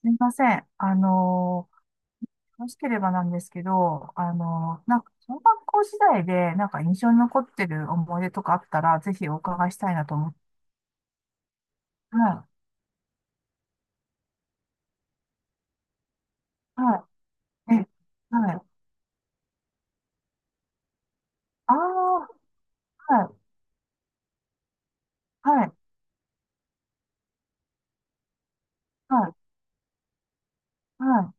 すみません。よろしければなんですけど、なんか、小学校時代で、なんか印象に残ってる思い出とかあったら、ぜひお伺いしたいなと思って。はい、はい、え、はい。ああ、はい、はい、はい、はい。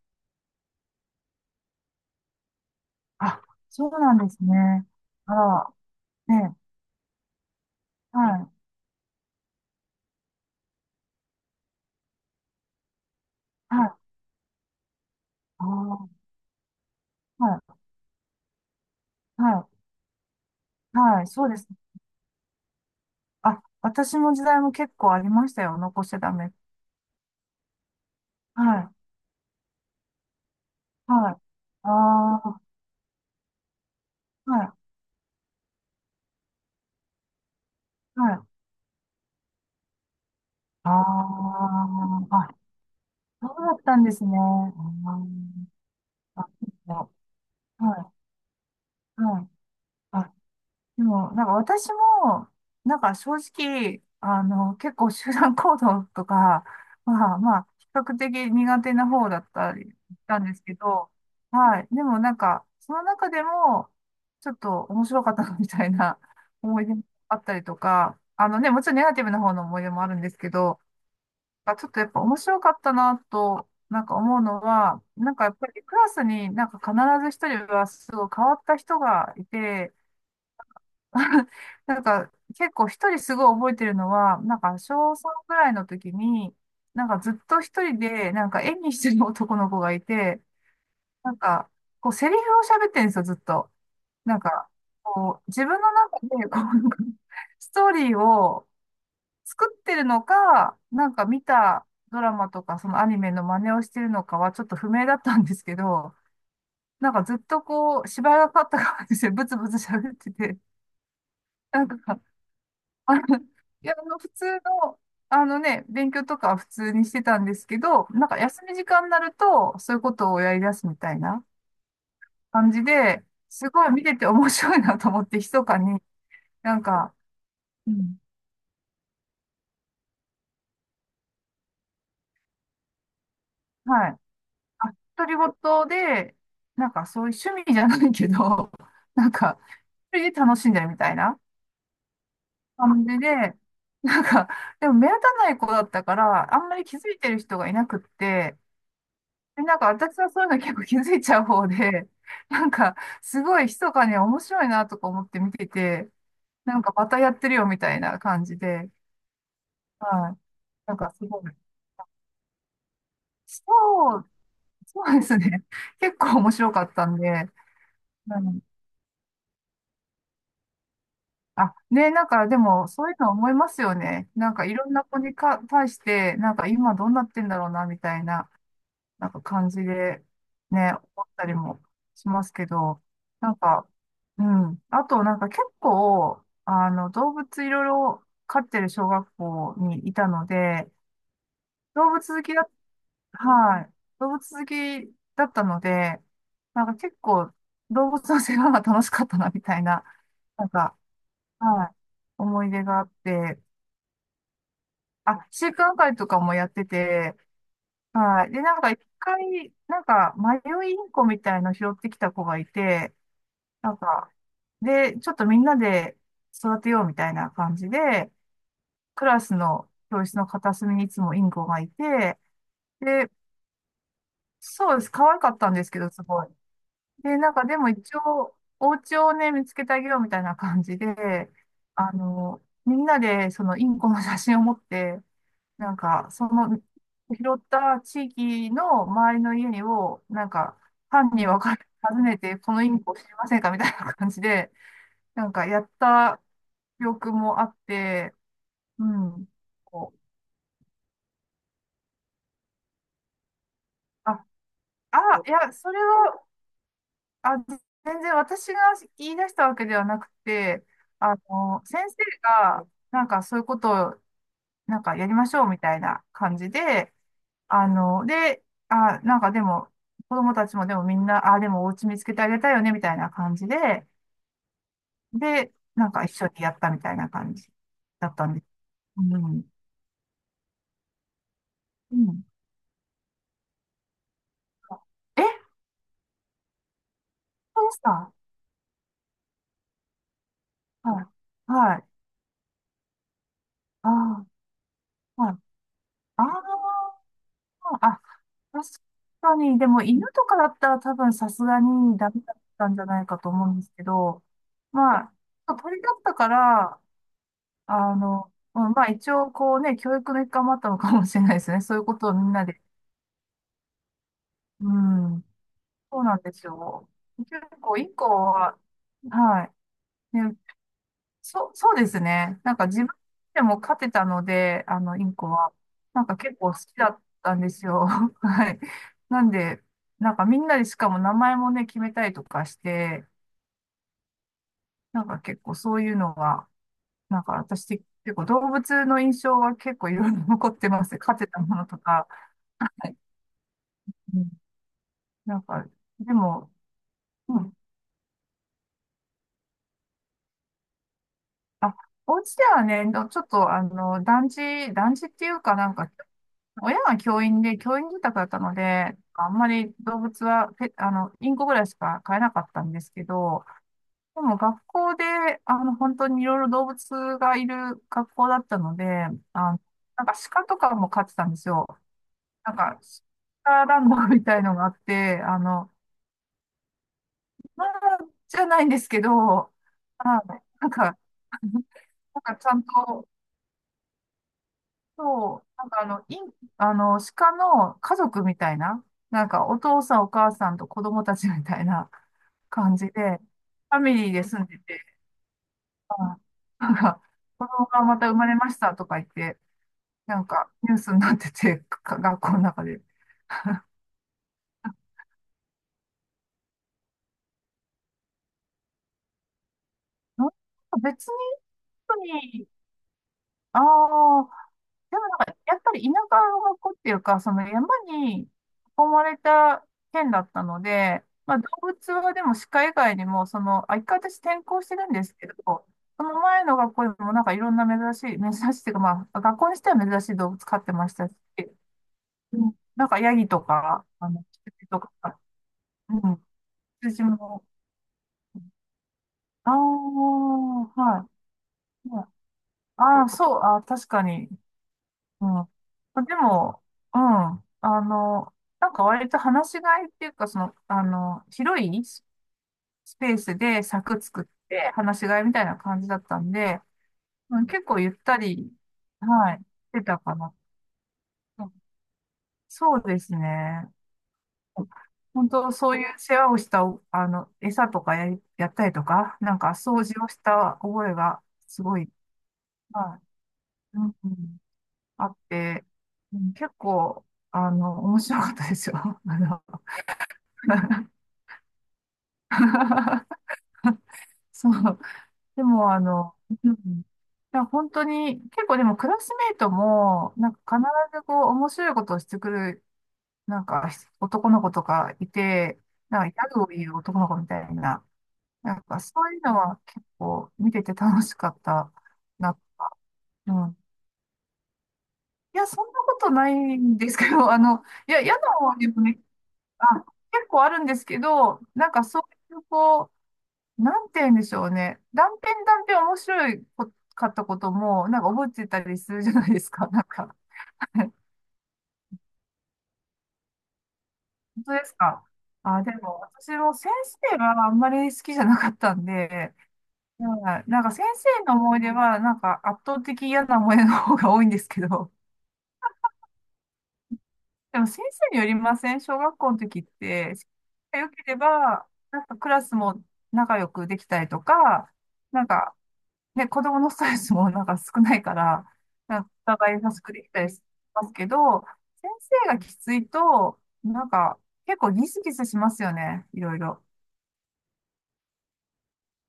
あ、そうなんですね。あら、え、はい、はい、ああ、はい、はい、はい、そうですね。あ、私の時代も結構ありましたよ。残しちゃダメ。はい、はい、ああ、はい、はい。ああ、あ、そうだったんですね。あーあ、うはい、はい。あ、でも、なんか私も、なんか正直、結構集団行動とか、まあまあ、比較的苦手な方だったりしたんですけど、はい。でもなんか、その中でも、ちょっと面白かったなみたいな思い出もあったりとか、あのね、もちろんネガティブな方の思い出もあるんですけど、あ、ちょっとやっぱ面白かったなと、なんか思うのは、なんかやっぱりクラスになんか必ず一人はすごい変わった人がいて、なんか結構一人すごい覚えてるのは、なんか小3ぐらいの時に、なんかずっと一人でなんか演技してる男の子がいて、なんかこうセリフを喋ってるんですよ、ずっと。なんかこう自分の中でこうなんかストーリーを作ってるのか、なんか見たドラマとかそのアニメの真似をしてるのかはちょっと不明だったんですけど、なんかずっとこう、芝居がかかった感じでブツブツ喋ってて、なんか、あの、い普通の、あのね、勉強とかは普通にしてたんですけど、なんか休み時間になると、そういうことをやり出すみたいな感じで、すごい見てて面白いなと思って、密かに、なんか、うん、はい。あ独り言で、なんかそういう趣味じゃないけど、なんか、一人で楽しんでるみたいな感じで、なんか、でも目立たない子だったから、あんまり気づいてる人がいなくって、でなんか私はそういうの結構気づいちゃう方で、なんか、すごい密かに面白いなとか思って見てて、なんかまたやってるよみたいな感じで、はい。なんかすごい。そう、そうですね。結構面白かったんで、うんあ、ね、なんかでもそういうの思いますよね。なんかいろんな子にか対して、なんか今どうなってんだろうな、みたいな、なんか感じで、ね、思ったりもしますけど、なんか、うん。あとなんか結構、動物いろいろ飼ってる小学校にいたので、動物好きだ、はい。動物好きだったので、なんか結構動物の世話が楽しかったな、みたいな、なんか、はい。思い出があって、あ、習慣会とかもやってて、はい。で、なんか一回、なんか迷いインコみたいの拾ってきた子がいて、なんか、で、ちょっとみんなで育てようみたいな感じで、クラスの教室の片隅にいつもインコがいて、で、そうです。可愛かったんですけど、すごい。で、なんかでも一応、お家をね、見つけてあげようみたいな感じで、みんなでそのインコの写真を持って、なんか、その、拾った地域の周りの家を、なんか、班にん。分かれて訪ねて、このインコ知りませんかみたいな感じで、なんか、やった記憶もあって、うん。こう、あ、あ、いや、それは、あ、全然私が言い出したわけではなくて、先生が、なんか、そういうことを、なんか、やりましょうみたいな感じで、で、あ、なんかでも、子供たちもでもみんな、あ、でもお家見つけてあげたいよね、みたいな感じで、で、なんか一緒にやったみたいな感じだったんです。うん。うん。え、そうですか？はい。はい。ああ、はい。ああ、あ、確かに、でも犬とかだったら多分さすがにダメだったんじゃないかと思うんですけど、まあ、鳥だったから、うん、まあ一応こうね、教育の一環もあったのかもしれないですね。そういうことをみんなで。うん。そうなんですよ。結構一個は、はい。ね、そう、そうですね。なんか自分でも勝てたので、インコは。なんか結構好きだったんですよ。はい。なんで、なんかみんなでしかも名前もね、決めたりとかして、なんか結構そういうのが、なんか私結構動物の印象は結構いろいろ残ってます。勝てたものとか。うんなんか、でも、うん。あ、お家ではね、どちょっと、団地、団地っていうかなんか、親が教員で、教員住宅だったので、あんまり動物は、ペあの、インコぐらいしか飼えなかったんですけど、でも学校で、本当にいろいろ動物がいる学校だったので、あの、なんか鹿とかも飼ってたんですよ。なんか、鹿ランドみたいのがあって、まあ、じゃないんですけど、あ、なんか、なんかちゃんと、そう、なんかあの、イン、あの、鹿の家族みたいな、なんかお父さんお母さんと子供たちみたいな 感じで、ファミリーで住んでて、あなんか、子供がまた生まれましたとか言って、なんかニュースになってて、か学校の中で。うん別に、本当に、ああ、でもなんか、やっぱり田舎の子っていうか、その山に囲まれた県だったので、まあ動物はでも鹿以外にも、その、あ、一回私転校してるんですけど、その前の学校にもなんかいろんな珍しい、珍しいっていうか、まあ学校にしては珍しい動物飼ってましたし、うんなんかヤギとか、羊とか、うん、羊も、ああ、はい。ああー、そう、あー、確かに。うん。あでも、うん。あの、なんか割と話しがいっていうか、その、広いススペースで柵作って話しがいみたいな感じだったんで、うん、結構ゆったり、はい、出たかな。うんそうですね。本当、そういう世話をした、餌とかやったりとか、なんか掃除をした覚えがすごい、はい、うんうんあって、うん結構、面白かったですよ。あの そう。でも、うん。いや、本当に、結構でもクラスメイトも、なんか必ずこう、面白いことをしてくる、なんか男の子とかいて、なんかギャグを言う男の子みたいな、なんかそういうのは結構見てて楽しかったな。うん。いや、そんなことないんですけど、いや、嫌な方でもね、あ、結構あるんですけど、なんかそういうこう、なんて言うんでしょうね。断片断片面白いこかったことも、なんか覚えてたりするじゃないですか。なんか、本当ですか？あ、でも私も先生があんまり好きじゃなかったんで、はいなんか先生の思い出は、なんか圧倒的嫌な思い出の方が多いんですけど、でも先生によりません？小学校の時って、先生が良ければ、なんかクラスも仲良くできたりとか、なんかで、子供のストレスもなんか少ないから、なんかお互い優しくできたりしますけど、先生がきついと、なんか結構ギスギスしますよね、いろいろ。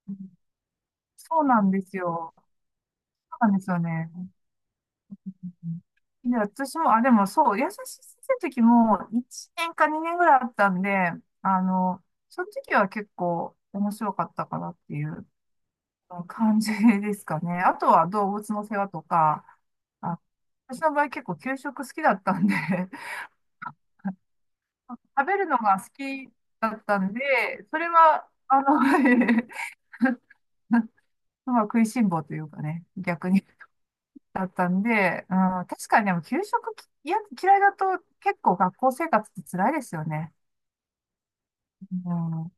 うんそうなんですよ。そうなんですよね。うんで、私も、あ、でもそう、優しい先生の時も1年か2年ぐらいあったんで、あの、その時は結構面白かったかなっていう。感じですかね。あとは動物の世話とか、あ、私の場合結構給食好きだったんで、食べるのが好きだったんで、それは、まあ、食いしん坊というかね、逆にだったんで、うん、確かにでも給食きいや嫌いだと結構学校生活って辛いですよね。うん